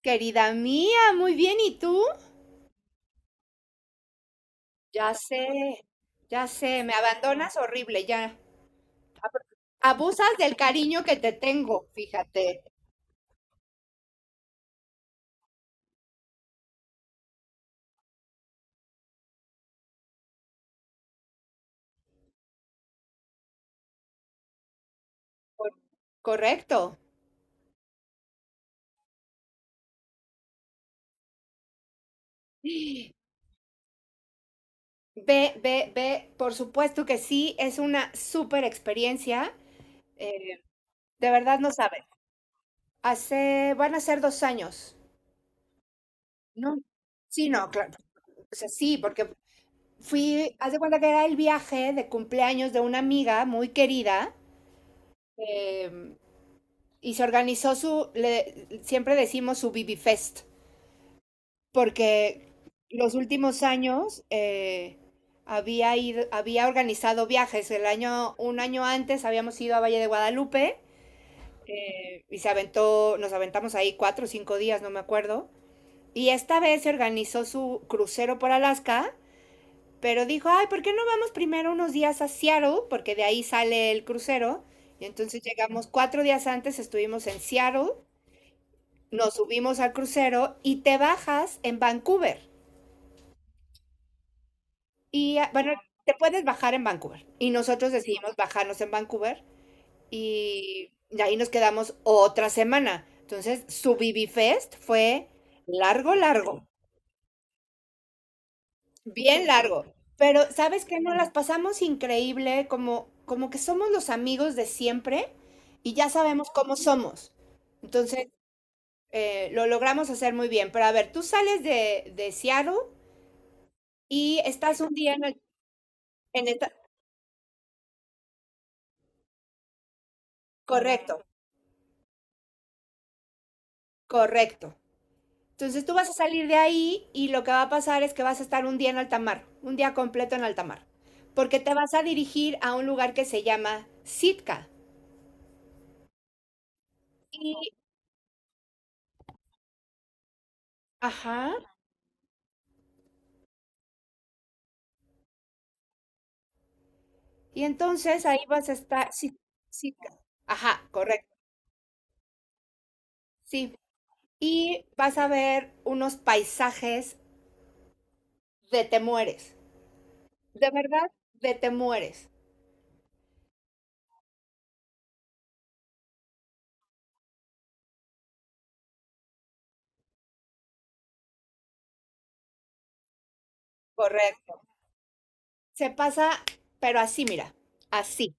Querida mía, muy bien, ¿y tú? Ya sé, ya sé, me abandonas horrible, ya. Ab- Abusas del cariño que te tengo, fíjate. Cor- Correcto. Ve, ve, ve, por supuesto que sí, es una súper experiencia. eh, de verdad no sabes. Van a ser 2 años. No, sí, no, claro. O sea, sí, porque fui, haz de cuenta que era el viaje de cumpleaños de una amiga muy querida. em, y se organizó siempre decimos su BB Fest, porque los últimos años había organizado viajes. Un año antes habíamos ido a Valle de Guadalupe, nos aventamos ahí 4 o 5 días, no me acuerdo. Y esta vez se organizó su crucero por Alaska, pero dijo, ay, ¿por qué no vamos primero unos días a Seattle? Porque de ahí sale el crucero. Y entonces llegamos 4 días antes, estuvimos en Seattle, nos subimos al crucero y te bajas en Vancouver. Y ah, bueno, te puedes bajar en Vancouver. Y nosotros decidimos bajarnos en Vancouver y de ahí nos quedamos otra semana. Entonces, su BB fue largo, largo, bien largo. Pero, ¿sabes qué? Nos las pasamos increíble, como que somos los amigos de siempre y ya sabemos cómo somos. Entonces, lo logramos hacer muy bien. Pero a ver, tú sales de, Seattle y estás un día en el. En esta, correcto, correcto. Entonces tú vas a salir de ahí y lo que va a pasar es que vas a estar un día en alta mar, un día completo en alta mar, porque te vas a dirigir a un lugar que se llama Sitka. Y, ajá, y entonces ahí vas a estar, sí, Sitka. Ajá, correcto, sí. Y vas a ver unos paisajes de te mueres, de verdad, de te mueres, correcto. Se pasa, pero así, mira, así.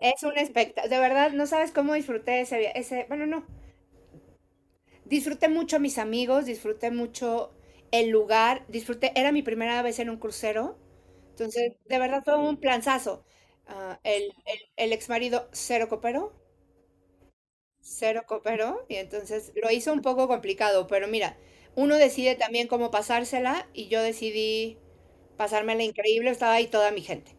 Es un espectáculo, de verdad, no sabes cómo disfruté ese viaje, ese, bueno, no, disfruté mucho a mis amigos, disfruté mucho el lugar, disfruté, era mi primera vez en un crucero, entonces, de verdad fue un planzazo. Ah, el ex marido cero cooperó, y entonces lo hizo un poco complicado, pero mira, uno decide también cómo pasársela, y yo decidí pasármela increíble, estaba ahí toda mi gente.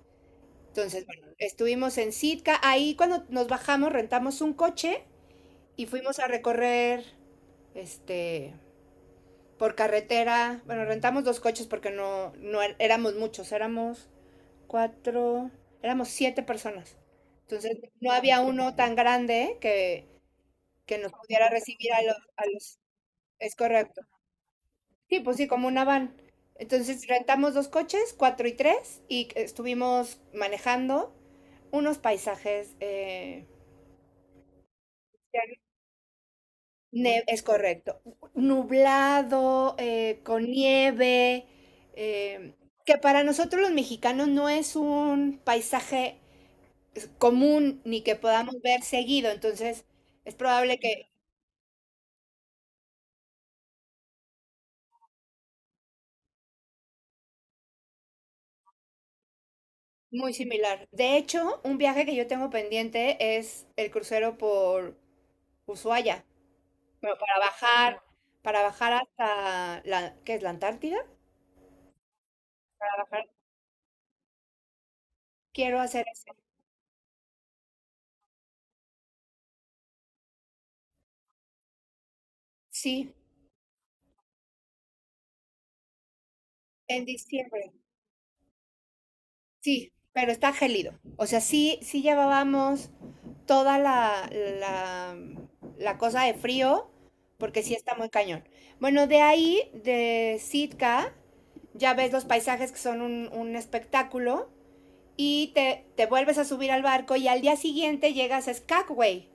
Entonces, bueno, estuvimos en Sitka, ahí cuando nos bajamos rentamos un coche y fuimos a recorrer este por carretera. Bueno, rentamos dos coches porque no, no éramos muchos, éramos cuatro, éramos siete personas. Entonces no había uno tan grande que, nos pudiera recibir a los... Es correcto. Sí, pues sí, como una van. Entonces rentamos dos coches, cuatro y tres, y estuvimos manejando unos paisajes es correcto. Nublado, con nieve, eh, que para nosotros los mexicanos no es un paisaje común ni que podamos ver seguido, entonces es probable que muy similar. De hecho, un viaje que yo tengo pendiente es el crucero por Ushuaia, bueno, para bajar hasta la, ¿qué es la Antártida? Para bajar, quiero hacer eso. Sí, en diciembre. Sí, pero está gélido. O sea, sí, sí llevábamos toda la, cosa de frío, porque sí está muy cañón. Bueno, de ahí, de Sitka, ya ves los paisajes que son un, espectáculo, y te vuelves a subir al barco y al día siguiente llegas a Skagway.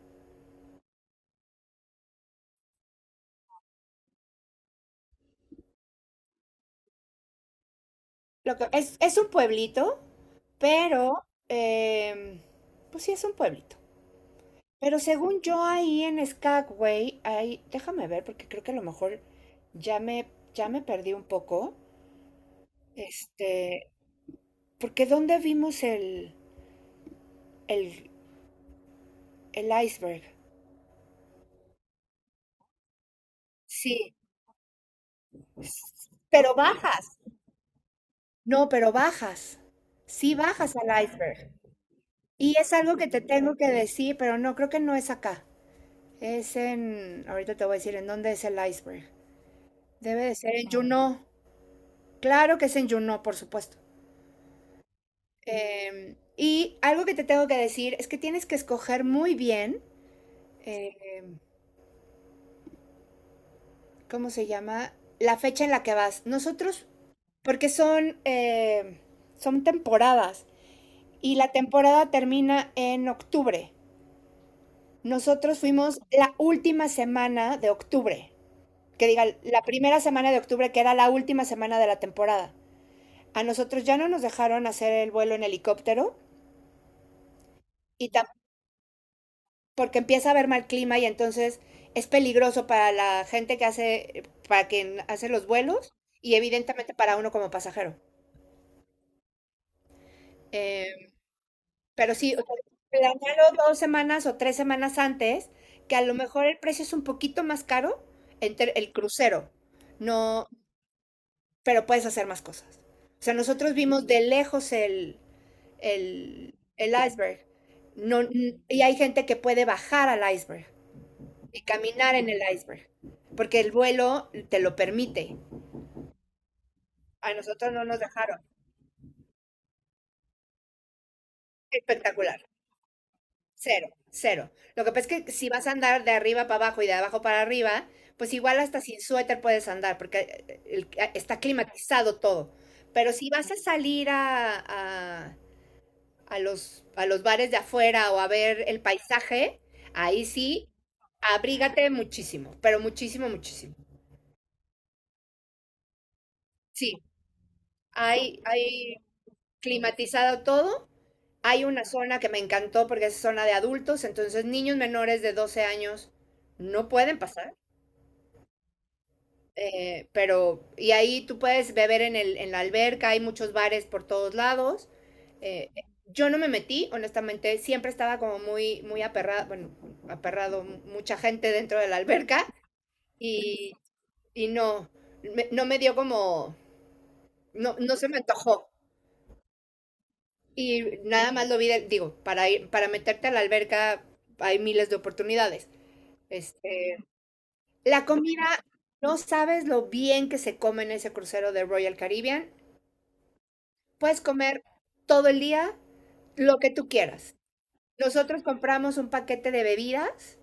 Es un pueblito, pero, em, pues sí es un pueblito. Pero según yo ahí en Skagway, ahí, déjame ver porque creo que a lo mejor ya me, ya me perdí un poco. Este, porque ¿dónde vimos el, el iceberg? Sí, pero bajas. No, pero bajas. Sí bajas al iceberg. Y es algo que te tengo que decir, pero no, creo que no es acá. Es en, ahorita te voy a decir en dónde es el iceberg. Debe de ser en Juneau. Claro que es en Juneau, por supuesto. Y algo que te tengo que decir es que tienes que escoger muy bien, eh, ¿cómo se llama? La fecha en la que vas. Nosotros, porque son temporadas y la temporada termina en octubre. Nosotros fuimos la última semana de octubre, que diga, la primera semana de octubre, que era la última semana de la temporada. A nosotros ya no nos dejaron hacer el vuelo en helicóptero y porque empieza a haber mal clima y entonces es peligroso para la gente que hace, para quien hace los vuelos y evidentemente para uno como pasajero. Eh, pero sí, o sea, planealo 2 semanas o 3 semanas antes, que a lo mejor el precio es un poquito más caro entre el crucero, no, pero puedes hacer más cosas. O sea, nosotros vimos de lejos el iceberg. No, y hay gente que puede bajar al iceberg, y caminar en el iceberg, porque el vuelo te lo permite. A nosotros no nos dejaron. Espectacular. Cero, cero. Lo que pasa es que si vas a andar de arriba para abajo y de abajo para arriba, pues igual hasta sin suéter puedes andar, porque está climatizado todo. Pero si vas a salir a, a- a los bares de afuera o a ver el paisaje, ahí sí, abrígate muchísimo, pero muchísimo, muchísimo. Sí, hay climatizado todo. Hay una zona que me encantó porque es zona de adultos, entonces niños menores de 12 años no pueden pasar, pero y ahí tú puedes beber en la alberca, hay muchos bares por todos lados. eh, yo no me metí, honestamente, siempre estaba como muy, muy aperrado, bueno, aperrado, mucha gente dentro de la alberca y, y no, no me dio como, no, no se me antojó. Y nada más lo vi, digo, para ir, para meterte a la alberca hay miles de oportunidades. Este, la comida, no sabes lo bien que se come en ese crucero de Royal Caribbean. Puedes comer todo el día lo que tú quieras. Nosotros compramos un paquete de bebidas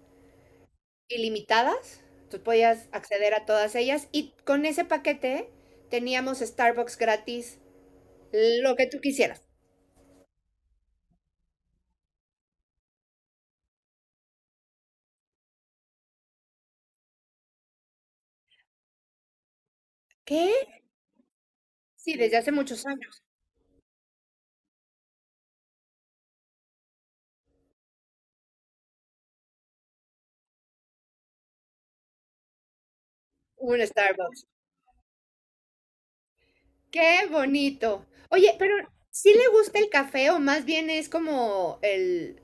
ilimitadas, tú podías acceder a todas ellas y con ese paquete teníamos Starbucks gratis, lo que tú quisieras. ¿Qué? Sí, desde hace muchos años hubo un Starbucks. ¡Qué bonito! Oye, pero ¿sí le gusta el café o más bien es como el.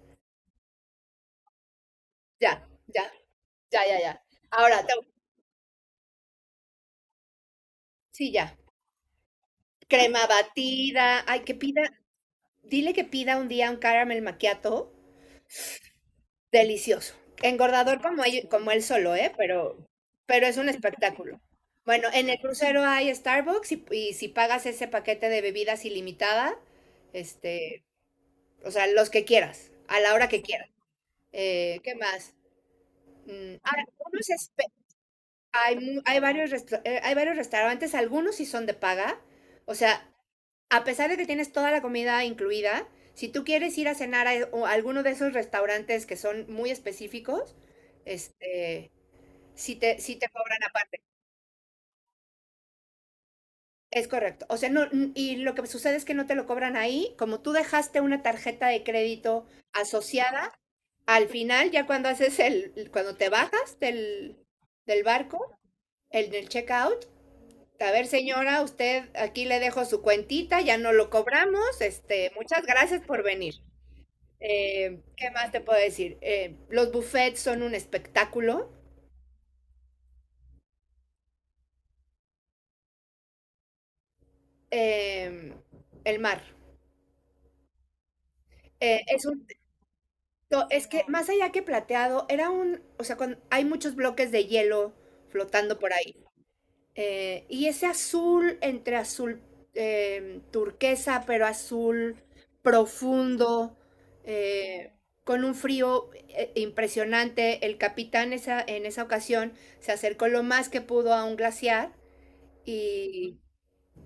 Ya, ya, ya, ya, ya. Ahora, sí, ya. Crema batida. Ay, que pida. Dile que pida un día un caramel macchiato. Delicioso. Engordador como, como él solo, ¿eh? Pero es un espectáculo. Bueno, en el crucero hay Starbucks y si pagas ese paquete de bebidas ilimitada, este, o sea, los que quieras, a la hora que quieras. ¿Qué más? Mm, ahora, unos espe- hay varios restaurantes, algunos sí son de paga. O sea, a pesar de que tienes toda la comida incluida, si tú quieres ir a cenar a alguno de esos restaurantes que son muy específicos, este, si te cobran aparte. Es correcto. O sea, no, y lo que sucede es que no te lo cobran ahí. Como tú dejaste una tarjeta de crédito asociada, al final, ya cuando haces cuando te bajas del, barco, el del checkout, a ver, señora, usted aquí le dejo su cuentita, ya no lo cobramos. Este, muchas gracias por venir. ¿Qué más te puedo decir? Los buffets son un espectáculo. Eh, el mar. Es un, es que más allá que plateado, o sea, hay muchos bloques de hielo flotando por ahí. Y ese azul entre azul turquesa, pero azul profundo, eh, con un frío impresionante. El capitán en esa ocasión se acercó lo más que pudo a un glaciar, y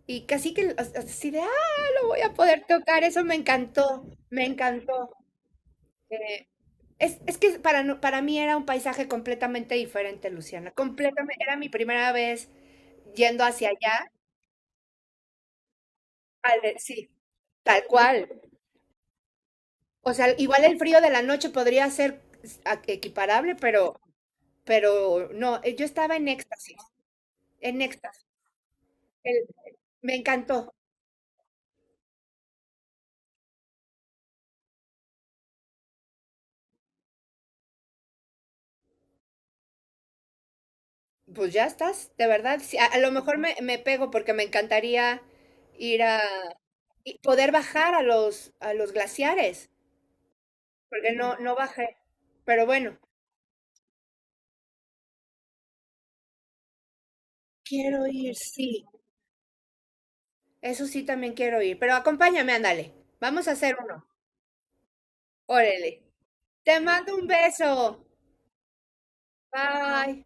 Y casi que así de, ah, lo voy a poder tocar, eso me encantó, me encantó. Es que para, para mí era un paisaje completamente diferente, Luciana, completamente, era mi primera vez yendo hacia allá, sí, tal cual. O sea, igual el frío de la noche podría ser equiparable, pero no, yo estaba en éxtasis, el- me encantó. Pues ya estás, de verdad. Sí, a lo mejor me pego porque me encantaría ir a y poder bajar a los glaciares, porque no bajé. Pero bueno, quiero ir, sí. Eso sí también quiero ir, pero acompáñame, ándale. Vamos a hacer uno. Órale. Te mando un beso. Bye.